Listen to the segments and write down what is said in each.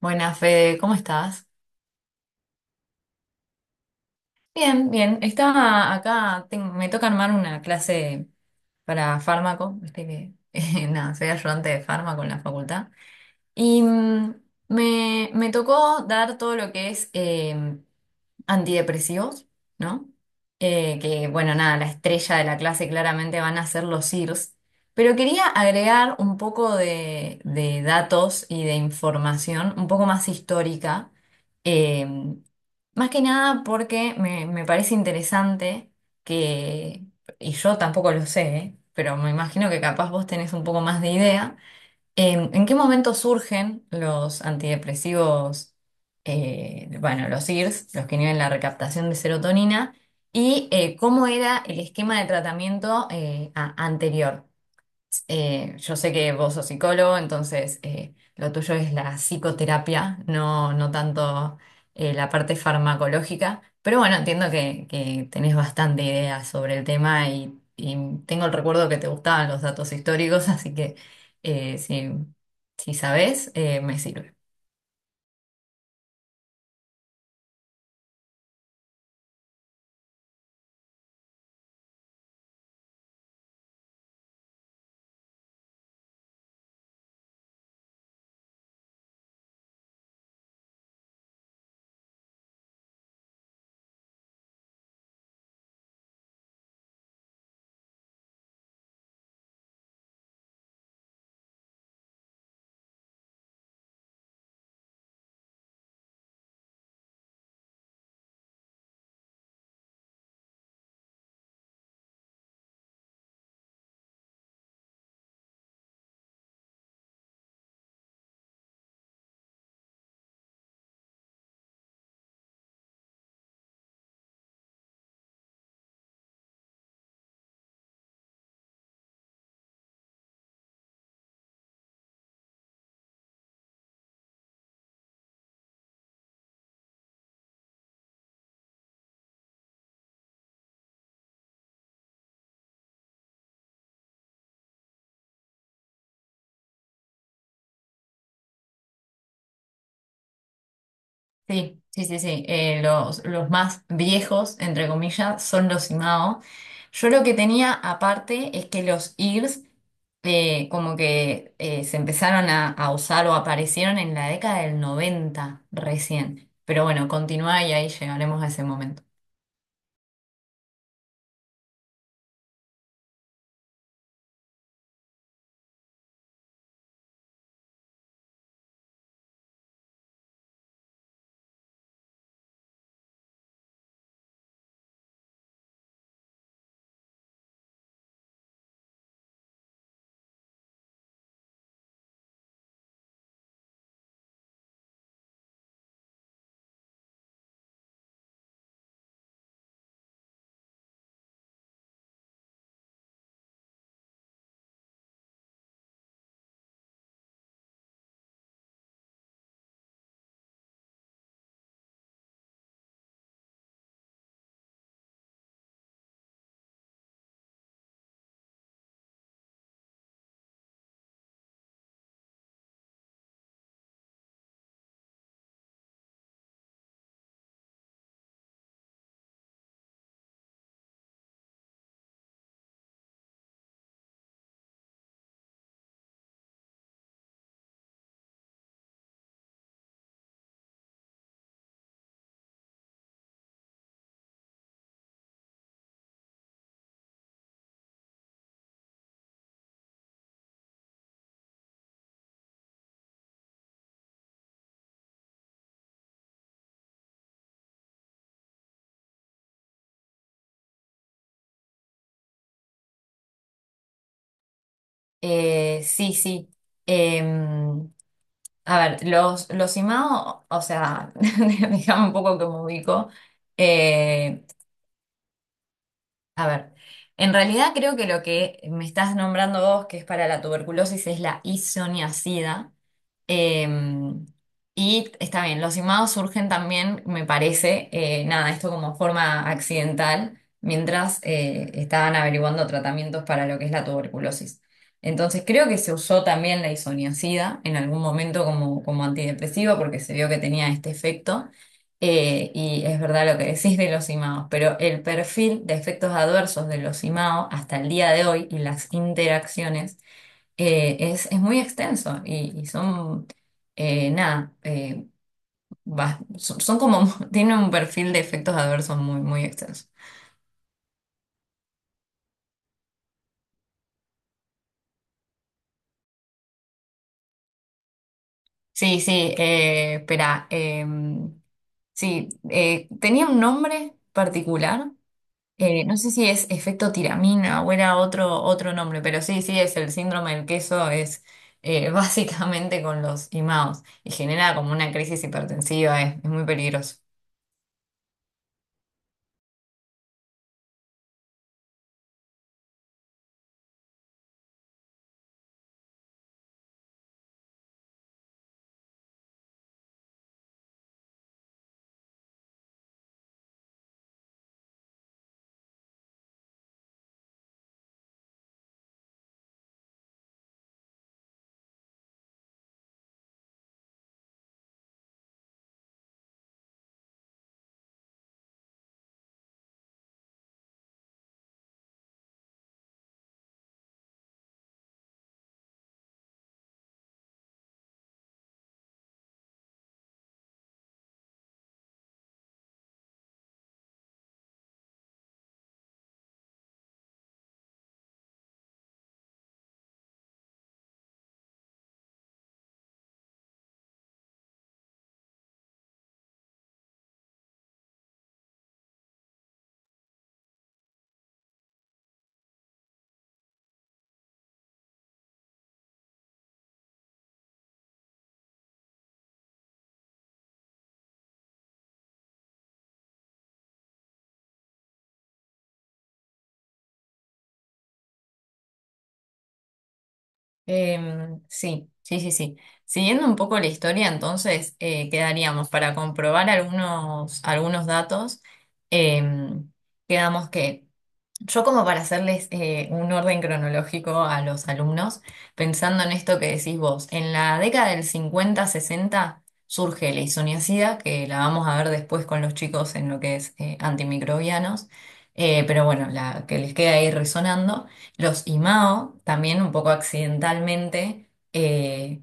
Buenas, Fede, ¿cómo estás? Bien, bien. Estaba acá, me toca armar una clase para fármaco, viste que nada, soy ayudante de fármaco en la facultad. Y mm, me tocó dar todo lo que es antidepresivos, ¿no? Que bueno, nada, la estrella de la clase claramente van a ser los IRS. Pero quería agregar un poco de datos y de información un poco más histórica, eh, más que nada porque me parece interesante que, y yo tampoco lo sé, ¿eh? Pero me imagino que capaz vos tenés un poco más de idea. ¿En qué momento surgen los antidepresivos, bueno, los IRS, los que inhiben la recaptación de serotonina? ¿Y cómo era el esquema de tratamiento anterior? Yo sé que vos sos psicólogo, entonces lo tuyo es la psicoterapia, no, no tanto la parte farmacológica, pero bueno, entiendo que tenés bastante idea sobre el tema y tengo el recuerdo que te gustaban los datos históricos, así que eh, si, si sabés, me sirve. Sí, sí, sí, sí. Los más viejos, entre comillas, son los IMAO. Yo lo que tenía aparte es que los IRS como que se empezaron a usar o aparecieron en la década del 90 recién. Pero bueno, continúa y ahí llegaremos a ese momento. Sí, sí. Em, a ver, los IMAO, o sea, déjame un poco que me ubico. eh, A ver, en realidad creo que lo que me estás nombrando vos, que es para la tuberculosis, es la isoniazida. Em, y está bien, los imados surgen también, me parece, nada, esto como forma accidental, mientras estaban averiguando tratamientos para lo que es la tuberculosis. Entonces creo que se usó también la isoniazida en algún momento como antidepresivo porque se vio que tenía este efecto. Y es verdad lo que decís de los IMAO, pero el perfil de efectos adversos de los IMAO hasta el día de hoy y las interacciones es muy extenso y son, nada, bas- son, son como, tienen un perfil de efectos adversos muy, muy extenso. Sí, sí, espera, sí, tenía un nombre particular. No sé si es efecto tiramina o era otro nombre, pero sí, sí, es el síndrome del queso, es básicamente con los imaos y genera como una crisis hipertensiva, es muy peligroso. Sí, sí, sí, sí. Siguiendo un poco la historia, entonces quedaríamos para comprobar algunos datos, em, quedamos que... Yo como para hacerles un orden cronológico a los alumnos, pensando en esto que decís vos, en la década del 50-60 surge la isoniazida, que la vamos a ver después con los chicos en lo que es antimicrobianos, pero bueno, la que les queda ahí resonando. Los IMAO, también un poco accidentalmente, eh,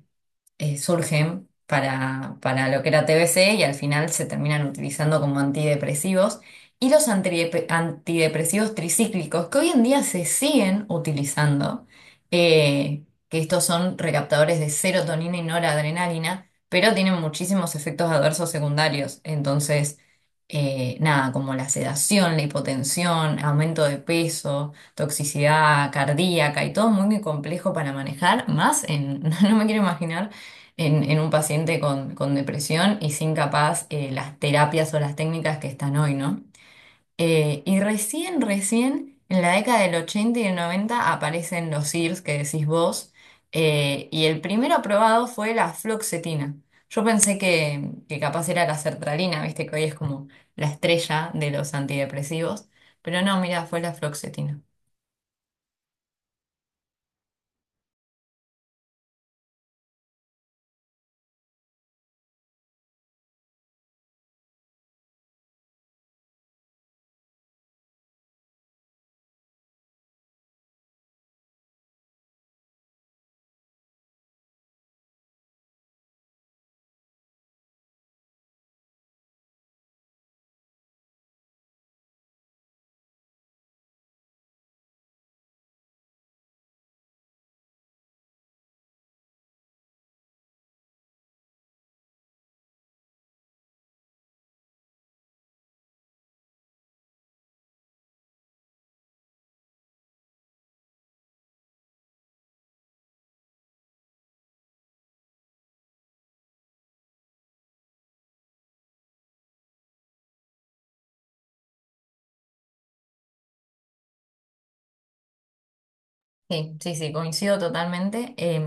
surgen para lo que era TBC y al final se terminan utilizando como antidepresivos. Y los antidepresivos tricíclicos, que hoy en día se siguen utilizando, eh, que estos son recaptadores de serotonina y noradrenalina, pero tienen muchísimos efectos adversos secundarios. Entonces, nada, como la sedación, la hipotensión, aumento de peso toxicidad cardíaca y todo muy, muy complejo para manejar, más en, no me quiero imaginar en un paciente con depresión y sin capaz las terapias o las técnicas que están hoy, ¿no? Recién en la década del 80 y del 90 aparecen los SIRS que decís vos, y el primero aprobado fue la fluoxetina. Yo pensé que capaz era la sertralina, viste que hoy es como la estrella de los antidepresivos, pero no, mira, fue la fluoxetina. Sí, sí, sí, coincido totalmente. Eh,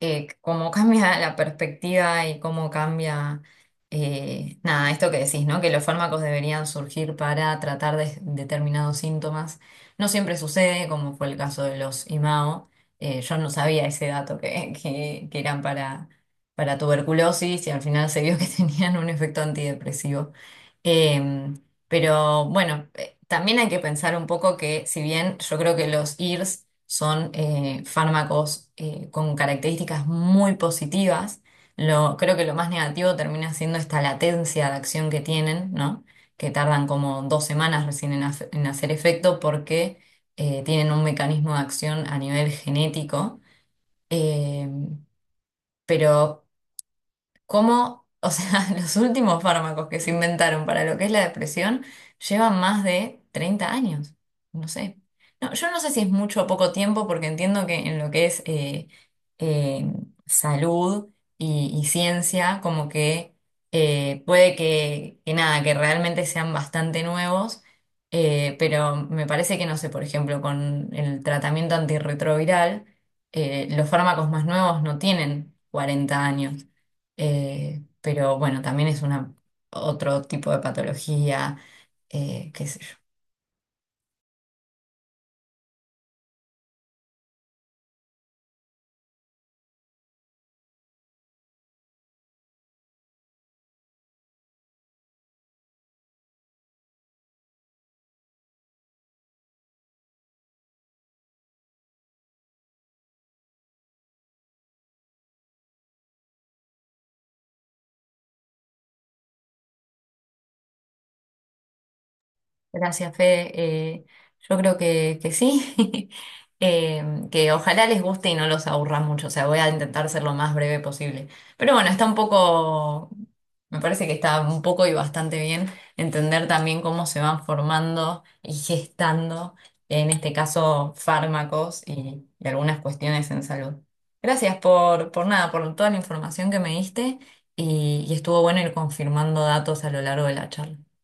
eh, Cómo cambia la perspectiva y cómo cambia, nada, esto que decís, ¿no? Que los fármacos deberían surgir para tratar de determinados síntomas. No siempre sucede, como fue el caso de los IMAO. Yo no sabía ese dato que eran para tuberculosis y al final se vio que tenían un efecto antidepresivo. Em, pero bueno. También hay que pensar un poco que, si bien yo creo que los IRS son fármacos con características muy positivas, creo que lo más negativo termina siendo esta latencia de acción que tienen, ¿no? Que tardan como dos semanas recién en hacer efecto porque tienen un mecanismo de acción a nivel genético. Eh, pero cómo, o sea, los últimos fármacos que se inventaron para lo que es la depresión llevan más de 30 años. No sé. No, yo no sé si es mucho o poco tiempo, porque entiendo que en lo que es eh, salud y ciencia, como que puede que nada, que realmente sean bastante nuevos. Pero me parece que, no sé, por ejemplo, con el tratamiento antirretroviral, los fármacos más nuevos no tienen 40 años. Pero bueno, también es una, otro tipo de patología, qué sé yo. Gracias, Fede. Yo creo que sí. Eh, que ojalá les guste y no los aburra mucho. O sea, voy a intentar ser lo más breve posible. Pero bueno, está un poco, me parece que está un poco y bastante bien entender también cómo se van formando y gestando, en este caso, fármacos y algunas cuestiones en salud. Gracias por nada, por toda la información que me diste y estuvo bueno ir confirmando datos a lo largo de la charla.